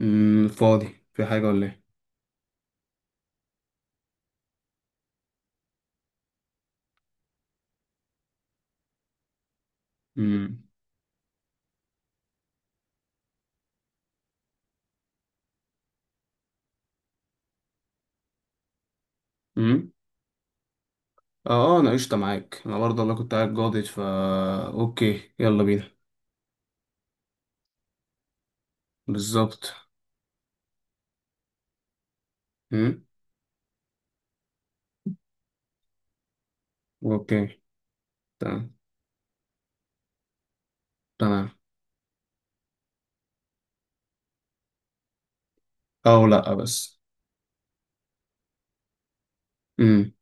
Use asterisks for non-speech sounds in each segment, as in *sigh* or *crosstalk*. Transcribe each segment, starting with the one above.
فاضي في حاجة ولا ايه؟ امم امم اه، اه، انا قشطة معاك. انا برضه والله كنت قاعد جاضد اوكي، يلا بينا. بالظبط. امم اوكي. تمام، تمام. او لا، بس. امم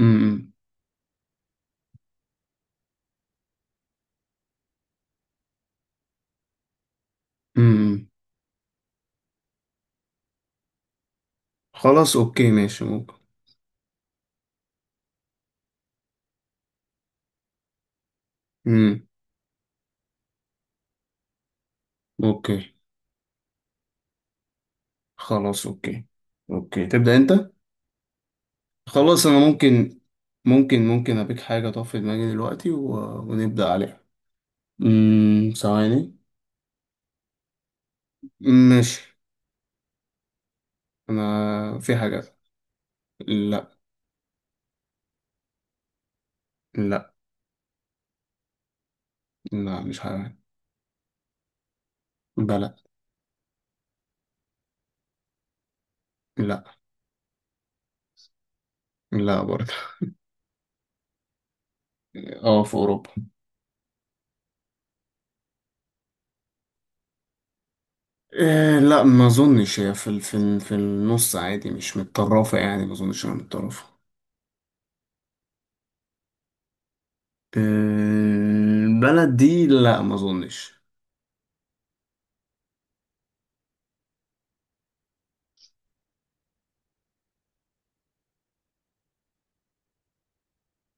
امم امم خلاص، اوكي، ماشي، ممكن. امم اوكي. خلاص، اوكي. اوكي، تبدأ انت. خلاص، انا ممكن ابيك حاجة طف في دماغي دلوقتي، و... ونبدأ عليها. ثواني. ماشي. انا في حاجة. لا. لا. لا، مش حيوان. بلد. لا. لا برضه. اه، في اوروبا. إيه، لا، ما اظنش هي في النص عادي، مش متطرفه يعني، ما اظنش انها متطرفه. إيه، البلد دي لا، ما اظنش.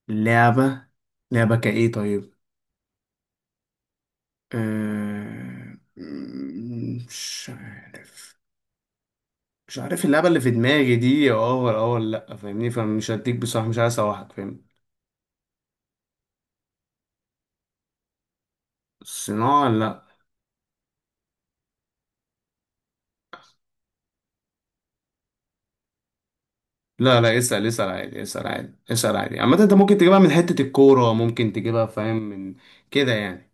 لعبه. لعبه كايه، طيب. إيه، مش عارف. مش عارف اللعبه اللي في دماغي دي اه ولا اه ولا لا، فاهمني؟ فمش هديك بصراحه، مش عايز اسوحك، فاهمني؟ الصناعه لا. لا، لا، اسأل، اسأل عادي، اسأل عادي، اسأل عادي. عامة انت ممكن تجيبها من حتة الكورة، ممكن تجيبها، فاهم، من كده يعني.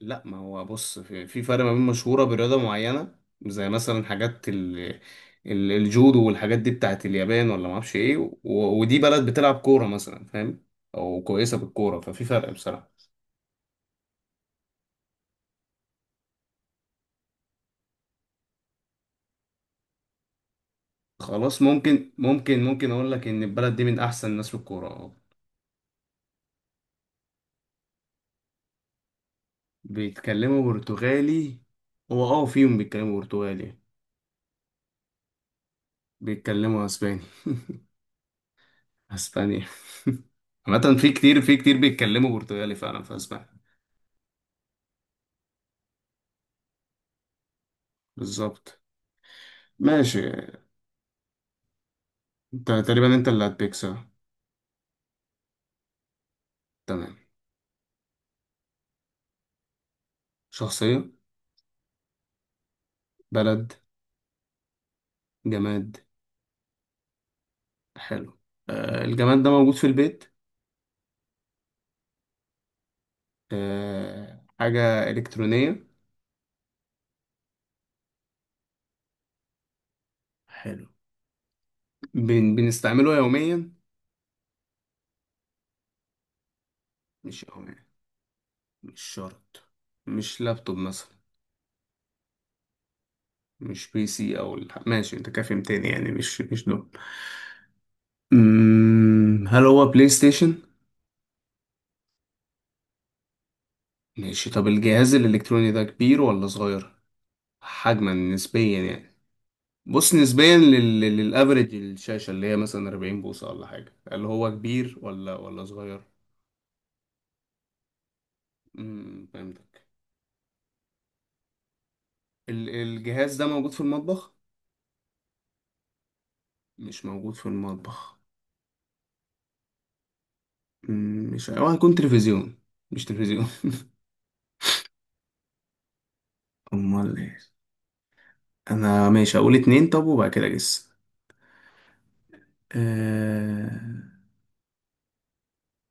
لا، ما هو بص، في فرق ما بين مشهورة برياضة معينة. زي مثلا حاجات الجودو والحاجات دي بتاعت اليابان ولا ما اعرفش ايه، ودي بلد بتلعب كورة مثلا، فاهم، او كويسة بالكورة، ففي فرق بصراحة. خلاص، ممكن اقول لك ان البلد دي من احسن الناس في الكورة، اه. بيتكلموا برتغالي. هو فيهم بيتكلموا برتغالي. بيتكلموا اسباني. *laughs* اسبانيا. *laughs* عامة في كتير، في كتير بيتكلموا برتغالي فعلا في اسبانيا. بالظبط. ماشي. انت تقريبا، انت اللي هتبيك، صح. تمام. شخصية. بلد. جماد. حلو. آه، الجماد ده موجود في البيت. آه، حاجة إلكترونية. حلو. بنستعمله يوميا. مش يوميا. مش شرط. مش لابتوب مثلا. مش بي سي او ماشي، انت كافي تاني يعني، مش دول. هل هو بلاي ستيشن؟ ماشي، طب الجهاز الإلكتروني ده كبير ولا صغير؟ حجما نسبيا يعني. بص نسبيا للأفريج الشاشة اللي هي مثلا 40 بوصة ولا حاجة، اللي هو كبير ولا صغير؟ فهمتك. الجهاز ده موجود في المطبخ؟ مش موجود في المطبخ. مش هو هيكون تلفزيون. مش تلفزيون. *laughs* أمال إيه؟ أنا ماشي أقول اتنين، طب وبعد كده أجس. أه...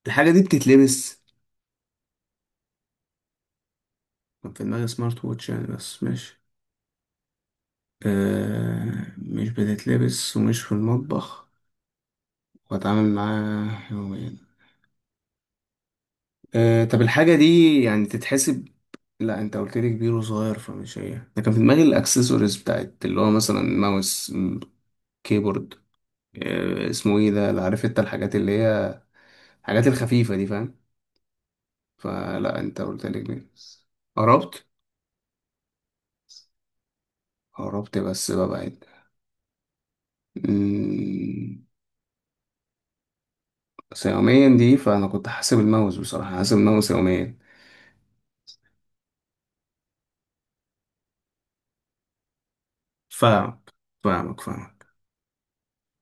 الحاجة دي بتتلبس؟ كان في دماغي سمارت ووتش يعني، بس ماشي. مش بتتلبس ومش في المطبخ واتعامل معاه يوميا. طب الحاجة دي يعني تتحسب. لا، انت قلت لي كبير وصغير، فمش هي ده، كان في دماغي الاكسسوارز بتاعت اللي هو مثلا ماوس، كيبورد. اسمه ايه ده اللي عارف انت، الحاجات اللي هي الحاجات الخفيفة دي، فاهم. فلا، انت قلت لي كبير. قربت. قربت بس ببعد. مم، بس يوميا دي، فانا كنت حاسب الماوس بصراحة، حاسب الماوس يوميا. فاهمك، فاهمك، فاهمك.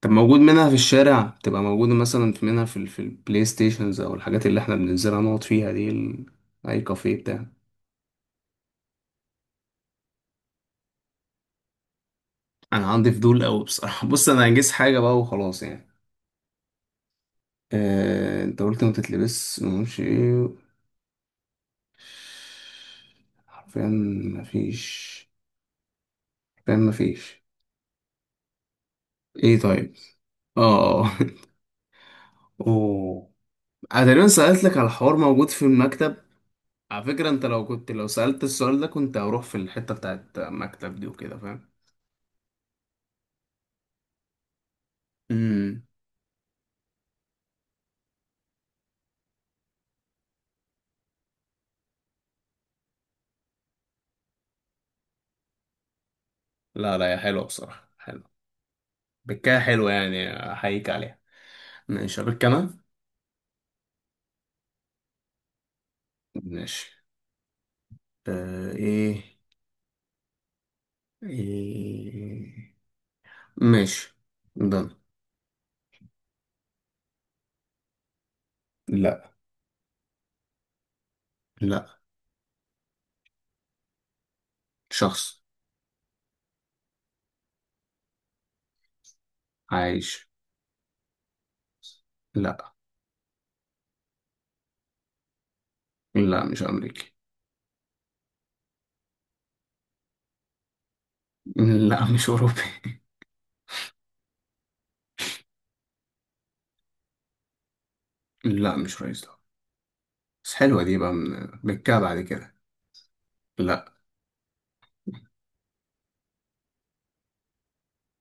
طب موجود منها في الشارع، تبقى موجودة مثلا منها في البلاي ستيشنز او الحاجات اللي احنا بننزلها نقعد فيها دي اي كافيه بتاع. انا عندي فضول قوي بصراحة. *laughs* بص، انا هنجز حاجة بقى وخلاص يعني. انت قلت ما تتلبس، ما اعرفش ايه، حرفيا مفيش. حرفيا مفيش. ايه، طيب. اه. *laughs* اوه. انا تقريبا سألت لك على الحوار موجود في المكتب. على فكرة انت لو كنت لو سألت السؤال ده كنت هروح في الحتة بتاعت مكتب دي وكده، فاهم. امم لا، لا، يا حلوة، بصراحة حلوة. بكاها حلوة يعني، احييك عليها. ماشي، ابيك انا. ماشي. ايه. ايه. ماشي. ده. لا. لا. شخص. عايش. لا. لا، مش امريكي. لا، مش اوروبي. *laughs* لا، مش رئيس دولة. بس حلوة دي بقى، من بكاها بعد كده. لا.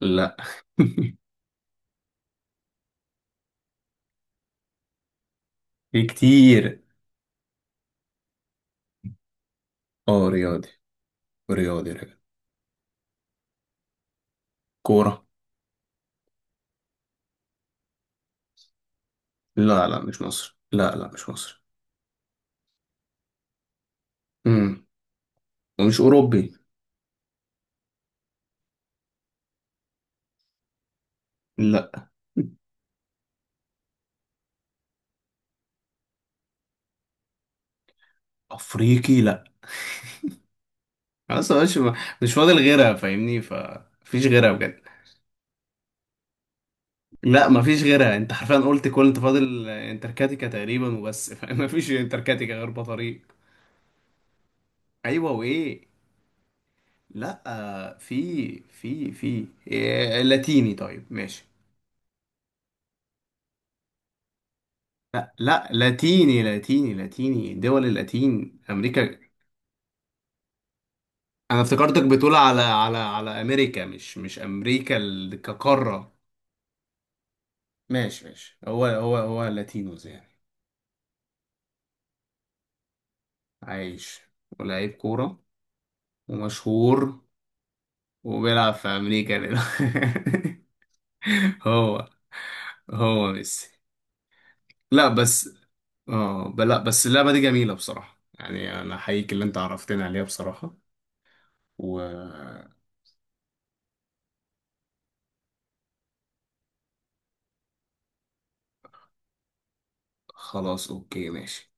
لا. *laughs* في كتير. اه، رياضي. رياضي، رياضي. كورة. لا، لا، مش مصر، لا، لا، مش مصر. امم ومش أوروبي. لا. أفريقي لا. خلاص يا باشا، مش فاضل غيرها فاهمني، فمفيش غيرها بجد. لا، مفيش غيرها، انت حرفيا قلت كل، انت فاضل انتركاتيكا تقريبا وبس، فاهم؟ *laughs* مفيش انتركاتيكا غير بطريق. ايوه، وايه؟ لا، في إيه، لاتيني، طيب ماشي. لا، لا، لاتيني، لاتيني، لاتيني، دول اللاتين امريكا. انا افتكرتك بتقول على امريكا، مش امريكا كقارة. ماشي، ماشي، هو، هو، هو لاتينوز يعني. عايش. ولاعيب كورة. ومشهور. وبيلعب في امريكا دلوقتي. *laughs* هو. هو ميسي. لا، بس، لا، بس اللعبة دي جميلة بصراحة يعني، انا حقيقي اللي انت عرفتني عليها بصراحة. وخلاص. اوكي، ماشي.